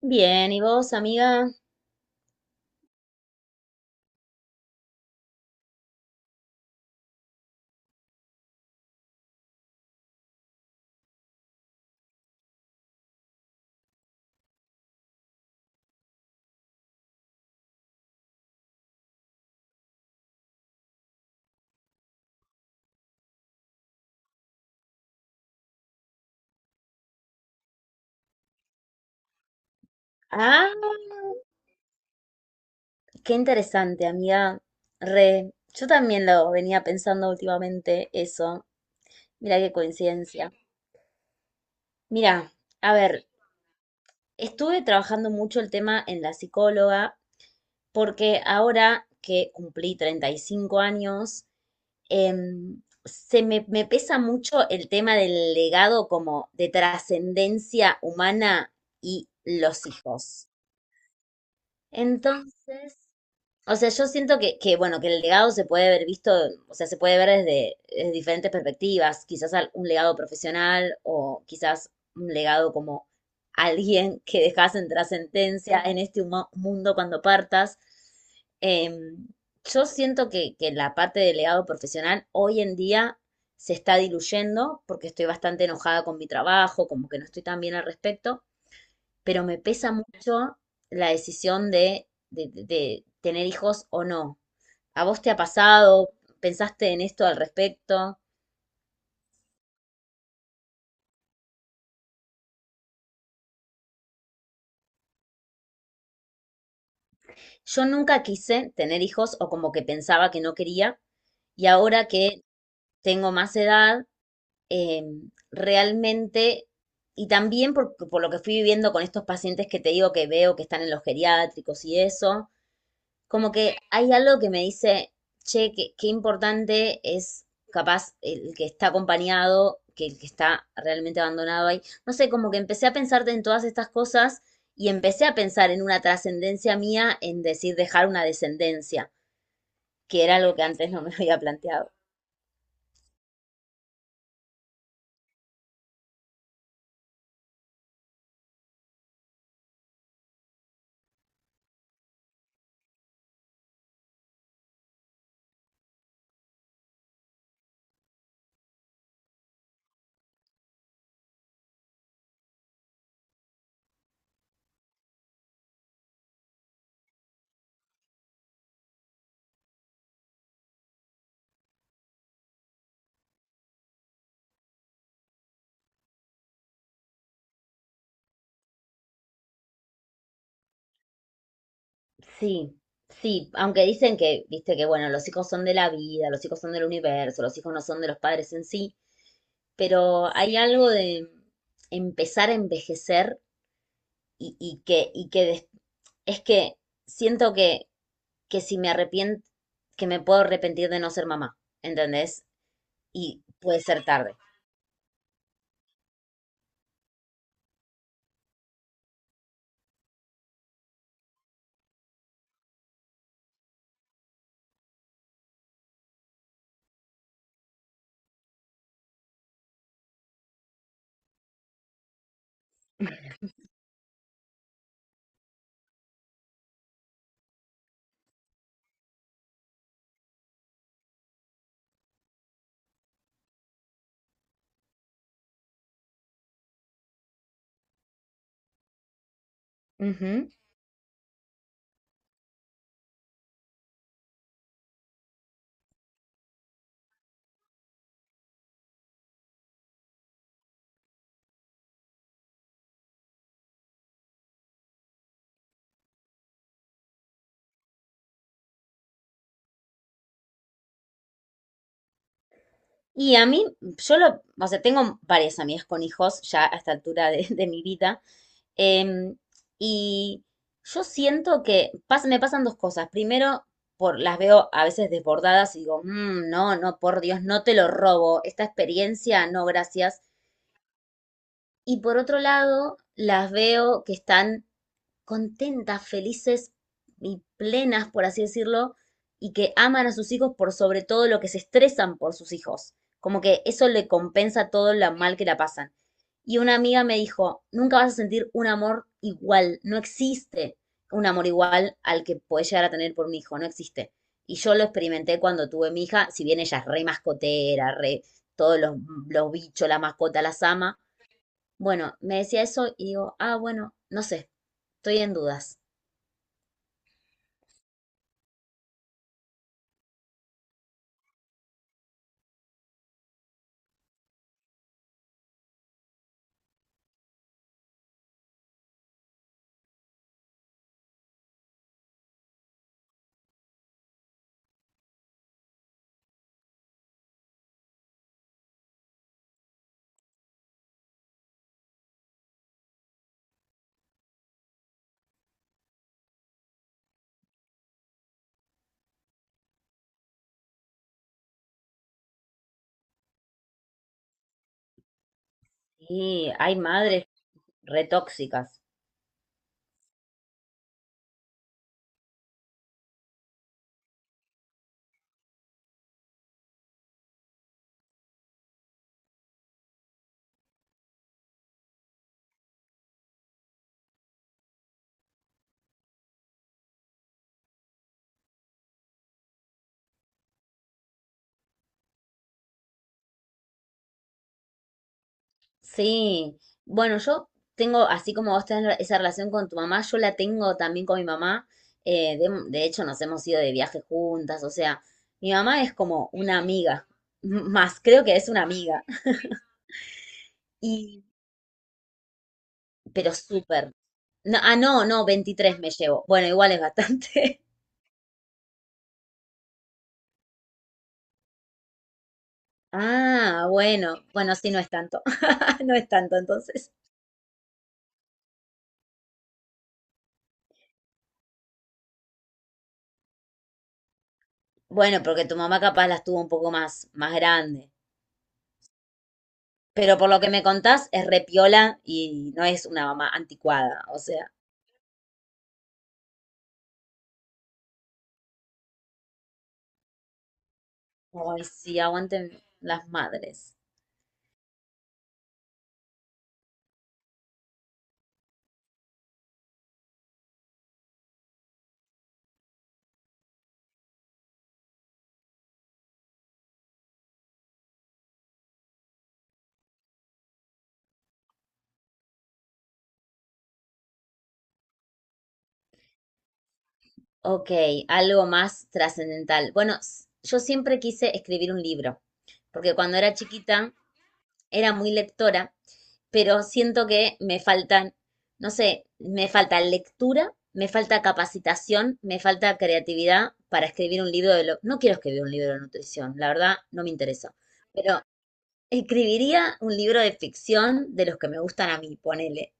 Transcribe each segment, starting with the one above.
Bien, ¿y vos, amiga? Ah, qué interesante, amiga. Re, yo también lo venía pensando últimamente eso. Mira qué coincidencia. Mira, a ver, estuve trabajando mucho el tema en la psicóloga porque ahora que cumplí 35 años, me pesa mucho el tema del legado como de trascendencia humana y los hijos. Entonces, o sea, yo siento que, bueno, que el legado se puede haber visto, o sea, se puede ver desde diferentes perspectivas, quizás un legado profesional o quizás un legado como alguien que dejas en sentencia en este mundo cuando partas. Em, yo siento que la parte del legado profesional hoy en día se está diluyendo porque estoy bastante enojada con mi trabajo, como que no estoy tan bien al respecto, pero me pesa mucho la decisión de tener hijos o no. ¿A vos te ha pasado? ¿Pensaste en esto al respecto? Yo nunca quise tener hijos o como que pensaba que no quería y ahora que tengo más edad, eh, realmente, y también por lo que fui viviendo con estos pacientes que te digo que veo que están en los geriátricos y eso. Como que hay algo que me dice, che, qué importante es capaz el que está acompañado, que el que está realmente abandonado ahí. No sé, como que empecé a pensarte en todas estas cosas y empecé a pensar en una trascendencia mía, en decir dejar una descendencia, que era algo que antes no me había planteado. Sí, sí, aunque dicen que, viste, que bueno, los hijos son de la vida, los hijos son del universo, los hijos no son de los padres en sí, pero hay algo de empezar a envejecer y, y que, y que des- es que siento que si me arrepiento, que me puedo arrepentir de no ser mamá, ¿entendés? Y puede ser tarde. Ujú. Y a mí, yo lo, o sea, tengo varias amigas con hijos ya a esta altura de mi vida, em, y yo siento que me pasan dos cosas. Primero, las veo a veces desbordadas y digo, "Mm, no, no, por Dios, no te lo robo, esta experiencia, no, gracias. Y por otro lado, las veo que están contentas, felices y plenas, por así decirlo, y que aman a sus hijos por sobre todo lo que se estresan por sus hijos. Como que eso le compensa todo lo mal que la pasan. Y una amiga me dijo, nunca vas a sentir un amor igual, no existe un amor igual al que puedes llegar a tener por un hijo, no existe. Y yo lo experimenté cuando tuve mi hija, si bien ella es re mascotera, re todos los bichos, la mascota las ama, bueno, me decía eso y digo, ah, bueno, no sé, estoy en dudas. Y hay madres retóxicas. Sí, bueno, yo tengo, así como vos tenés esa relación con tu mamá, yo la tengo también con mi mamá. De hecho, nos hemos ido de viaje juntas, o sea, mi mamá es como una amiga, más creo que es una amiga. Y, pero súper. No, ah, no, no, 23 me llevo. Bueno, igual es bastante. Ah, bueno, bueno, sí, no es tanto. No es tanto, entonces. Bueno, porque tu mamá capaz las tuvo un poco más grande. Pero por lo que me contás, es repiola y no es una mamá anticuada. O sea, ay, sí, aguanten las madres. Ok, algo más trascendental. Bueno, yo siempre quise escribir un libro, porque cuando era chiquita era muy lectora pero siento que me faltan, no sé, me falta lectura, me falta capacitación, me falta creatividad para escribir un libro de lo... No quiero escribir un libro de nutrición, la verdad no me interesa, pero escribiría un libro de ficción de los que me gustan a mí, ponele.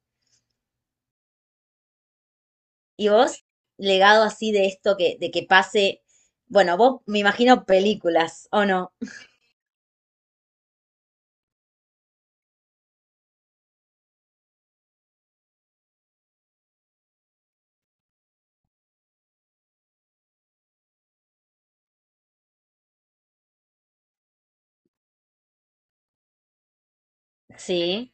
¿Y vos, legado así de esto que, de que pase, bueno, vos me imagino películas, ¿o no? Sí.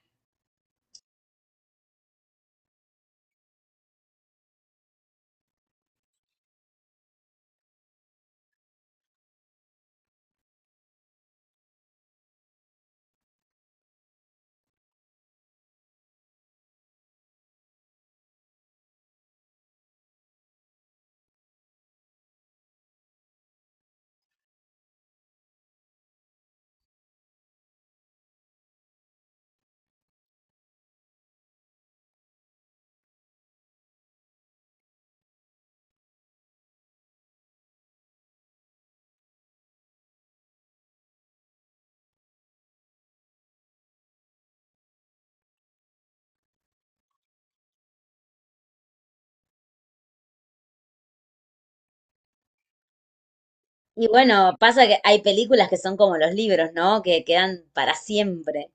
Y bueno, pasa que hay películas que son como los libros, ¿no? Que quedan para siempre.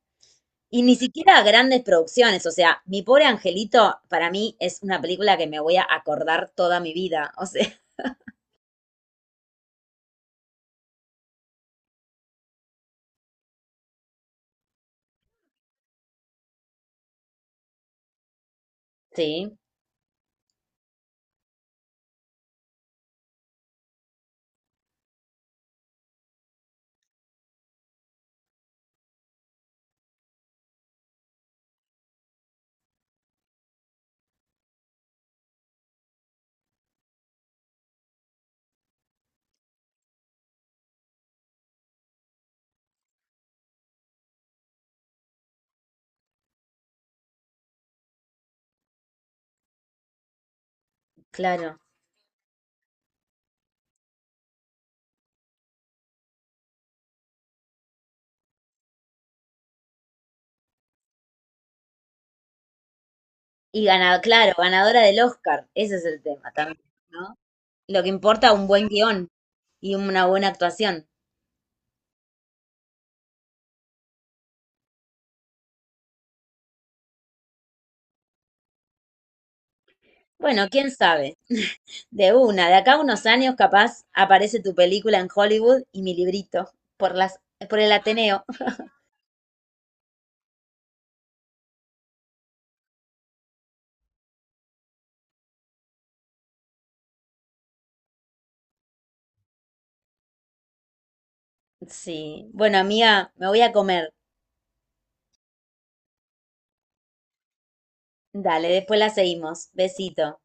Y ni siquiera grandes producciones, o sea, Mi pobre angelito para mí es una película que me voy a acordar toda mi vida, o sea, sí, claro. Y ganado, claro, ganadora del Oscar, ese es el tema también, ¿no? Lo que importa un buen guión y una buena actuación. Bueno, quién sabe, de una, de acá a unos años capaz aparece tu película en Hollywood y mi librito por las, por el Ateneo. Sí, bueno, amiga, me voy a comer. Dale, después la seguimos. Besito.